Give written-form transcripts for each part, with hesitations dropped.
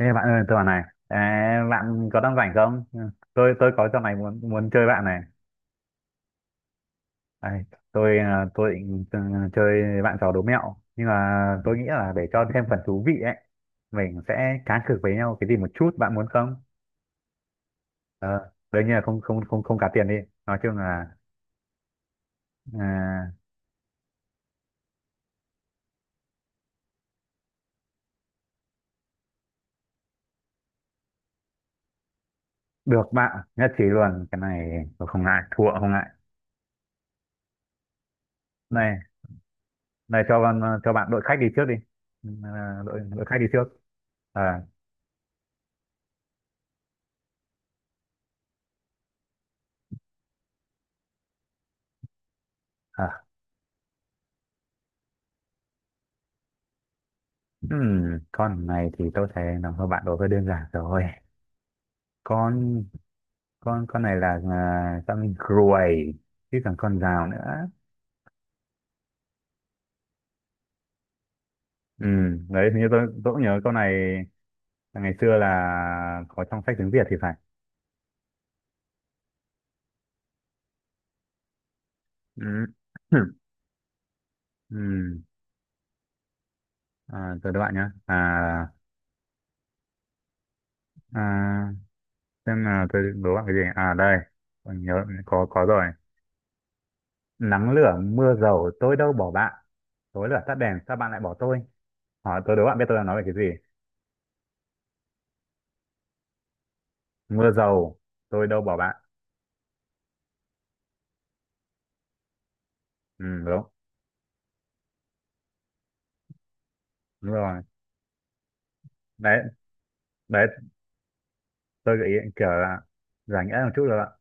Ê bạn ơi, tôi bảo này, ê, bạn có đang rảnh không? Ừ, Tôi có trò này muốn muốn chơi bạn này. Đây, tôi tôi định chơi bạn trò đố mẹo, nhưng mà tôi nghĩ là để cho thêm phần thú vị ấy, mình sẽ cá cược với nhau cái gì một chút, bạn muốn không? Ờ, đương nhiên là không không không không cá tiền đi. Nói chung là à, được, bạn nhất trí luôn. Cái này tôi không ngại, thua không ngại. Này, này cho con cho bạn đội khách đi trước đi. Ừ, à, đội đội khách đi trước. À, ừm, con này thì tôi thấy nó hơi bạn đối hơi đơn giản rồi, con con này là con ruồi chứ còn con rào nữa. Ừ, đấy hình như tôi cũng nhớ câu này, là ngày xưa là có trong sách tiếng Việt thì phải. Ừ. Ừ, tôi đố bạn nhá. À xem là tôi đố bạn cái gì à. Đây, tôi nhớ có rồi. Nắng lửa mưa dầu tôi đâu bỏ bạn, tối lửa tắt đèn sao bạn lại bỏ tôi. Hỏi tôi đố bạn biết tôi đang nói về cái gì? Mưa dầu tôi đâu bỏ bạn. Ừ, đúng. Đúng rồi. Đấy. Đấy, tôi gợi ý kiểu là giải nghĩa một chút rồi bạn.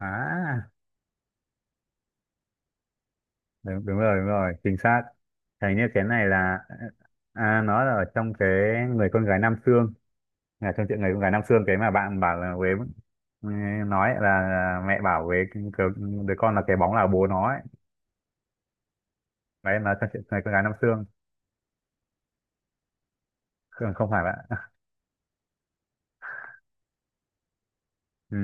À, đúng, đúng rồi, đúng rồi, chính xác. Hình như cái này là à, nó là ở trong cái người con gái Nam Xương, là trong chuyện người con gái Nam Xương cái mà bạn bảo là Huế. Ừ, nói là mẹ bảo với cái- đứa con là cái bóng là bố nó ấy. Đấy là trong chuyện người con gái Nam Xương. Không, không phải bạn. Ừ,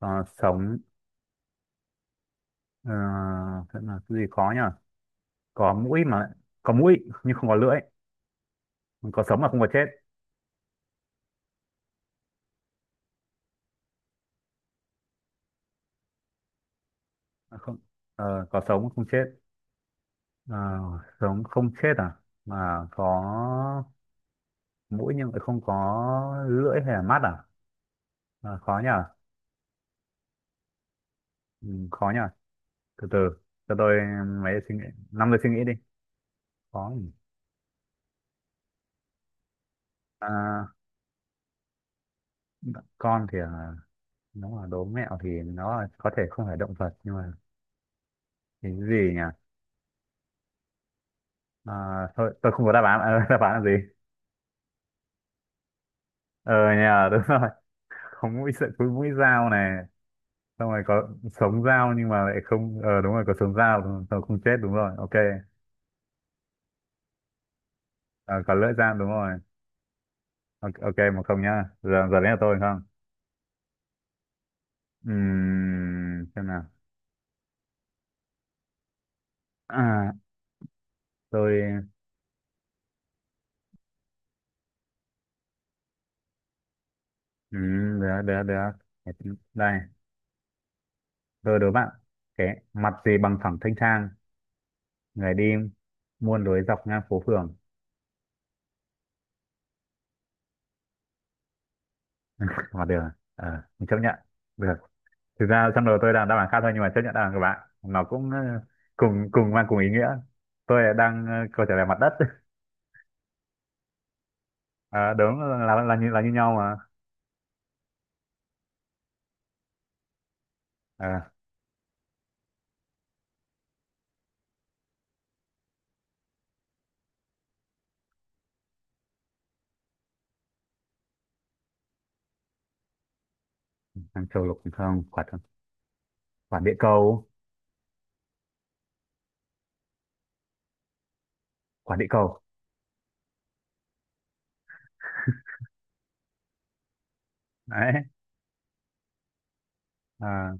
còn sống. Ờ, thế là cái gì khó nhỉ? Có mũi mà. Có mũi nhưng không có lưỡi. Có sống mà không có chết. À, không. Ờ, có sống mà không chết. Ờ, sống không chết à, mà có mũi nhưng lại không có lưỡi hay là mắt à? Ờ, khó nhờ. Ừ, khó nhờ. Từ từ, cho tôi mấy suy nghĩ, 5 giây suy nghĩ đi. Khó nhỉ? À, con thì nó là đố mẹo thì nó là- có thể không phải động vật nhưng mà cái gì nhỉ? À, thôi tôi không có đáp án. Đáp án là gì? Ờ nhờ, đúng rồi. Có mũi sợi, có mũi dao này, xong rồi có sống dao nhưng mà lại không, ờ đúng rồi, có sống dao đúng rồi, không chết đúng rồi, ok. Ờ, có lưỡi dao đúng rồi. Ok, ok, 1-0 nhá. Giờ giờ đến là tôi. Không, ừm, xem nào. à, tôi, được được được. Đây, tôi đố bạn: cái mặt gì bằng phẳng thanh thang, người đi muôn lối dọc ngang phố phường? Mà được, ờ mình chấp nhận. Được, thực ra trong đầu tôi là đáp án khác thôi nhưng mà chấp nhận, đáp án của bạn nó cũng cùng cùng mang cùng ý nghĩa. Tôi là đang câu trả lời mặt đất. À, đúng, là như nhau mà. À, ăn châu lục không, quả quả địa cầu. Quả địa cầu. Đấy. à,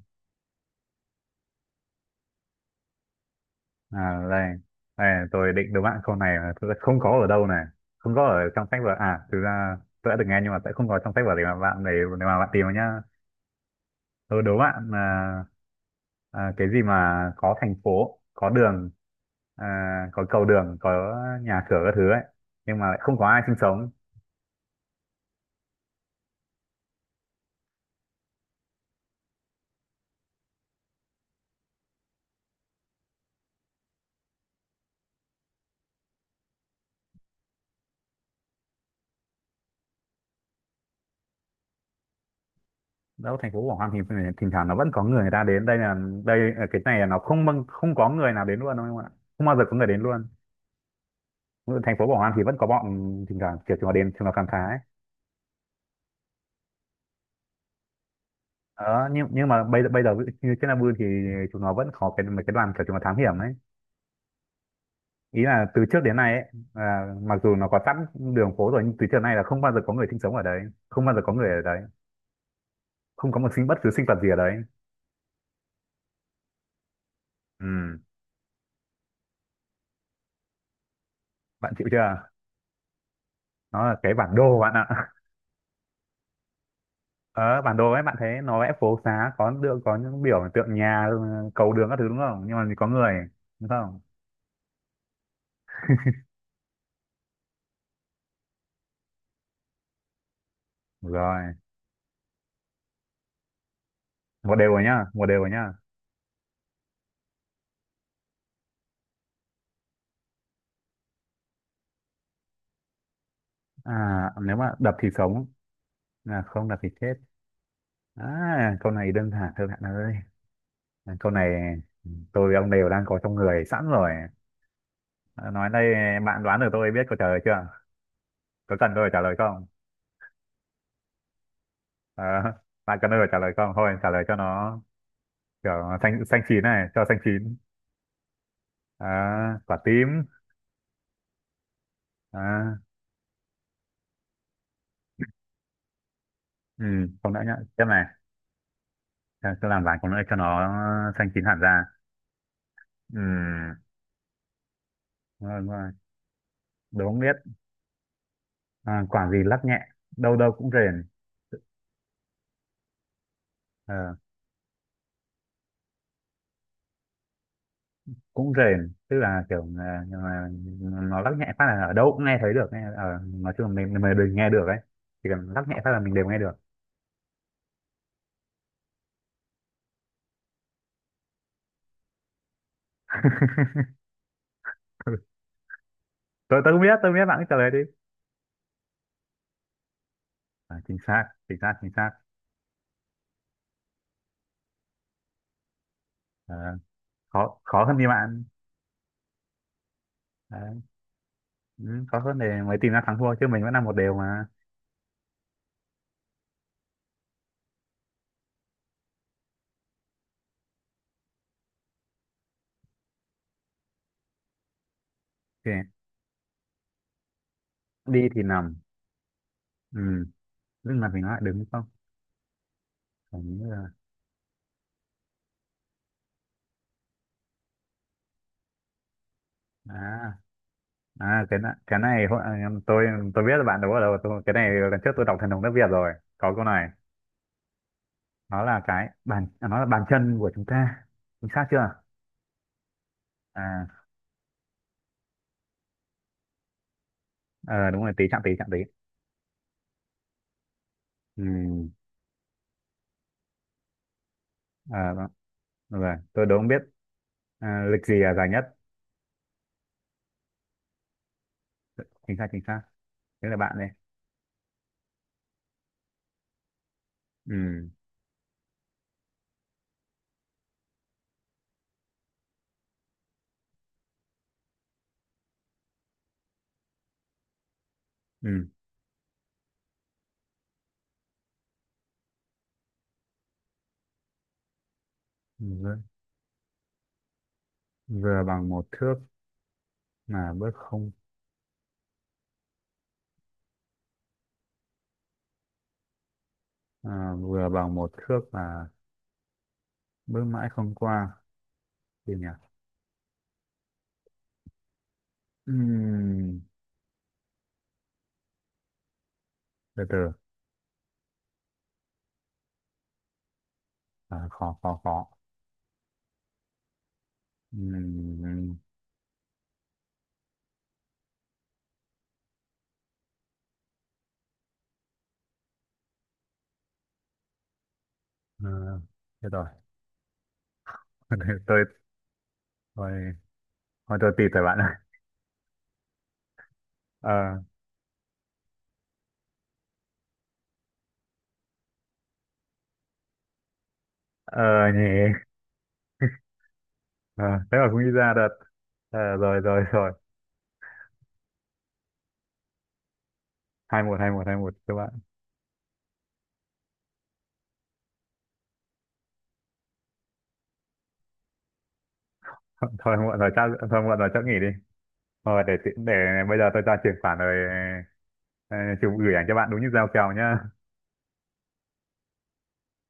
Đây, đây tôi định đố bạn câu này mà thực ra không có ở đâu này, không có ở trong sách vở. Thực ra tôi đã được nghe nhưng mà sẽ không có trong sách vở để mà bạn tìm vào nhá. Tôi đố bạn là cái gì mà có thành phố, có đường, à, có cầu đường, có nhà cửa các thứ ấy nhưng mà lại không có ai sinh sống? Đâu, thành phố Quảng Hòa thì phải- thỉnh thoảng nó vẫn có người, người ta đến. Đây là, đây là cái này là nó không bâng- không có người nào đến luôn đâu em ạ, không bao giờ có người đến luôn. Thành phố Quảng Hòa thì vẫn có bọn thỉnh thoảng kiểu chúng nó đến, chúng nó khám phá ấy. Ờ, nhưng mà bây giờ ví dụ như trên Nabu thì chúng nó vẫn có cái mấy cái đoàn kiểu chúng nó thám hiểm ấy. Ý là từ trước đến nay ấy, là mặc dù nó có sẵn đường phố rồi nhưng từ trước đến nay là không bao giờ có người sinh sống ở đấy, không bao giờ có người ở đấy, không có một sinh, bất cứ sinh vật gì ở đấy. Ừ. Bạn chịu chưa? Nó là cái bản đồ bạn ạ. Ờ, bản đồ ấy, bạn thấy nó vẽ phố xá có được, có những biểu tượng nhà, ừ, cầu đường các thứ đúng không, nhưng mà có người đúng không? Rồi, 1-1 rồi nhá, 1-1 rồi nhá. À, nếu mà đập thì sống, là không đập thì chết. À, câu này đơn giản thôi bạn ơi. À, câu này tôi với ông đều đang có trong người sẵn rồi. À, nói đây, bạn đoán được tôi biết câu trả lời chưa? Có cần tôi phải trả lời không? Ờ, bạn cần tôi phải trả lời không, thôi trả lời cho nó kiểu xanh xanh chín này cho xanh chín. À, quả tím à, ừ, không đã nhá. Tiếp này, ta cứ làm vài cái nữa cho nó xanh chín hẳn ra. Ừ, đúng rồi, đúng rồi. Đố không biết. À, quả gì lắc nhẹ, đâu đâu cũng rền. Ờ, cũng rền, tức là kiểu nhưng mà nó lắc nhẹ phát là ở đâu cũng nghe thấy được. Nghe, ờ, nói chung là mình đều nghe được ấy. Chỉ cần lắc nhẹ phát là mình đều nghe được. Tôi không biết, tôi không biết, bạn cứ trả lời đi. À, chính xác, chính xác, chính xác. Ờ, khó, khó hơn thì bạn. Đấy, ừ, khó hơn để mới tìm ra thắng thua, chứ mình vẫn là 1-1 mà. Ok, đi thì nằm. Ừ. Lúc nào mình nói đứng không? Phải như là à cái này, cái này hồi- tôi biết là bạn đúng ở đâu, tôi cái này lần trước tôi đọc thần đồng nước Việt rồi, có câu này. Nó là cái bàn, à, nó là bàn chân của chúng ta. Chính xác chưa? À, ờ, đúng rồi, tí chạm tí, chạm tí. Ừ, à, rồi tôi đúng biết. À, lịch gì là dài nhất? Chính xác, chính xác. Thế là bạn đây. Ừ, ừ. Vừa, vừa bằng một thước mà bước không. À, vừa bằng một thước mà bước mãi không qua. Gì nhỉ? Ừm, từ từ. À, khó khó khó. Ừm, à, thế rồi. tôi tôi, thôi tôi tịt rồi bạn ơi. Ờ, ờ nhỉ. Ờ, thế mà cũng nghĩ ra được. Ờ, rồi rồi rồi. 2-1, 2-1, hai một các bạn. Thôi muộn rồi chắc, thôi muộn rồi chắc nghỉ đi. Thôi để tí- để bây giờ tôi ra chuyển khoản rồi, ờ, chụp gửi ảnh cho bạn đúng như giao kèo nhá.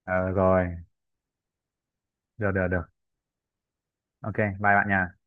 Ờ rồi, được được được, ok bye bạn nha.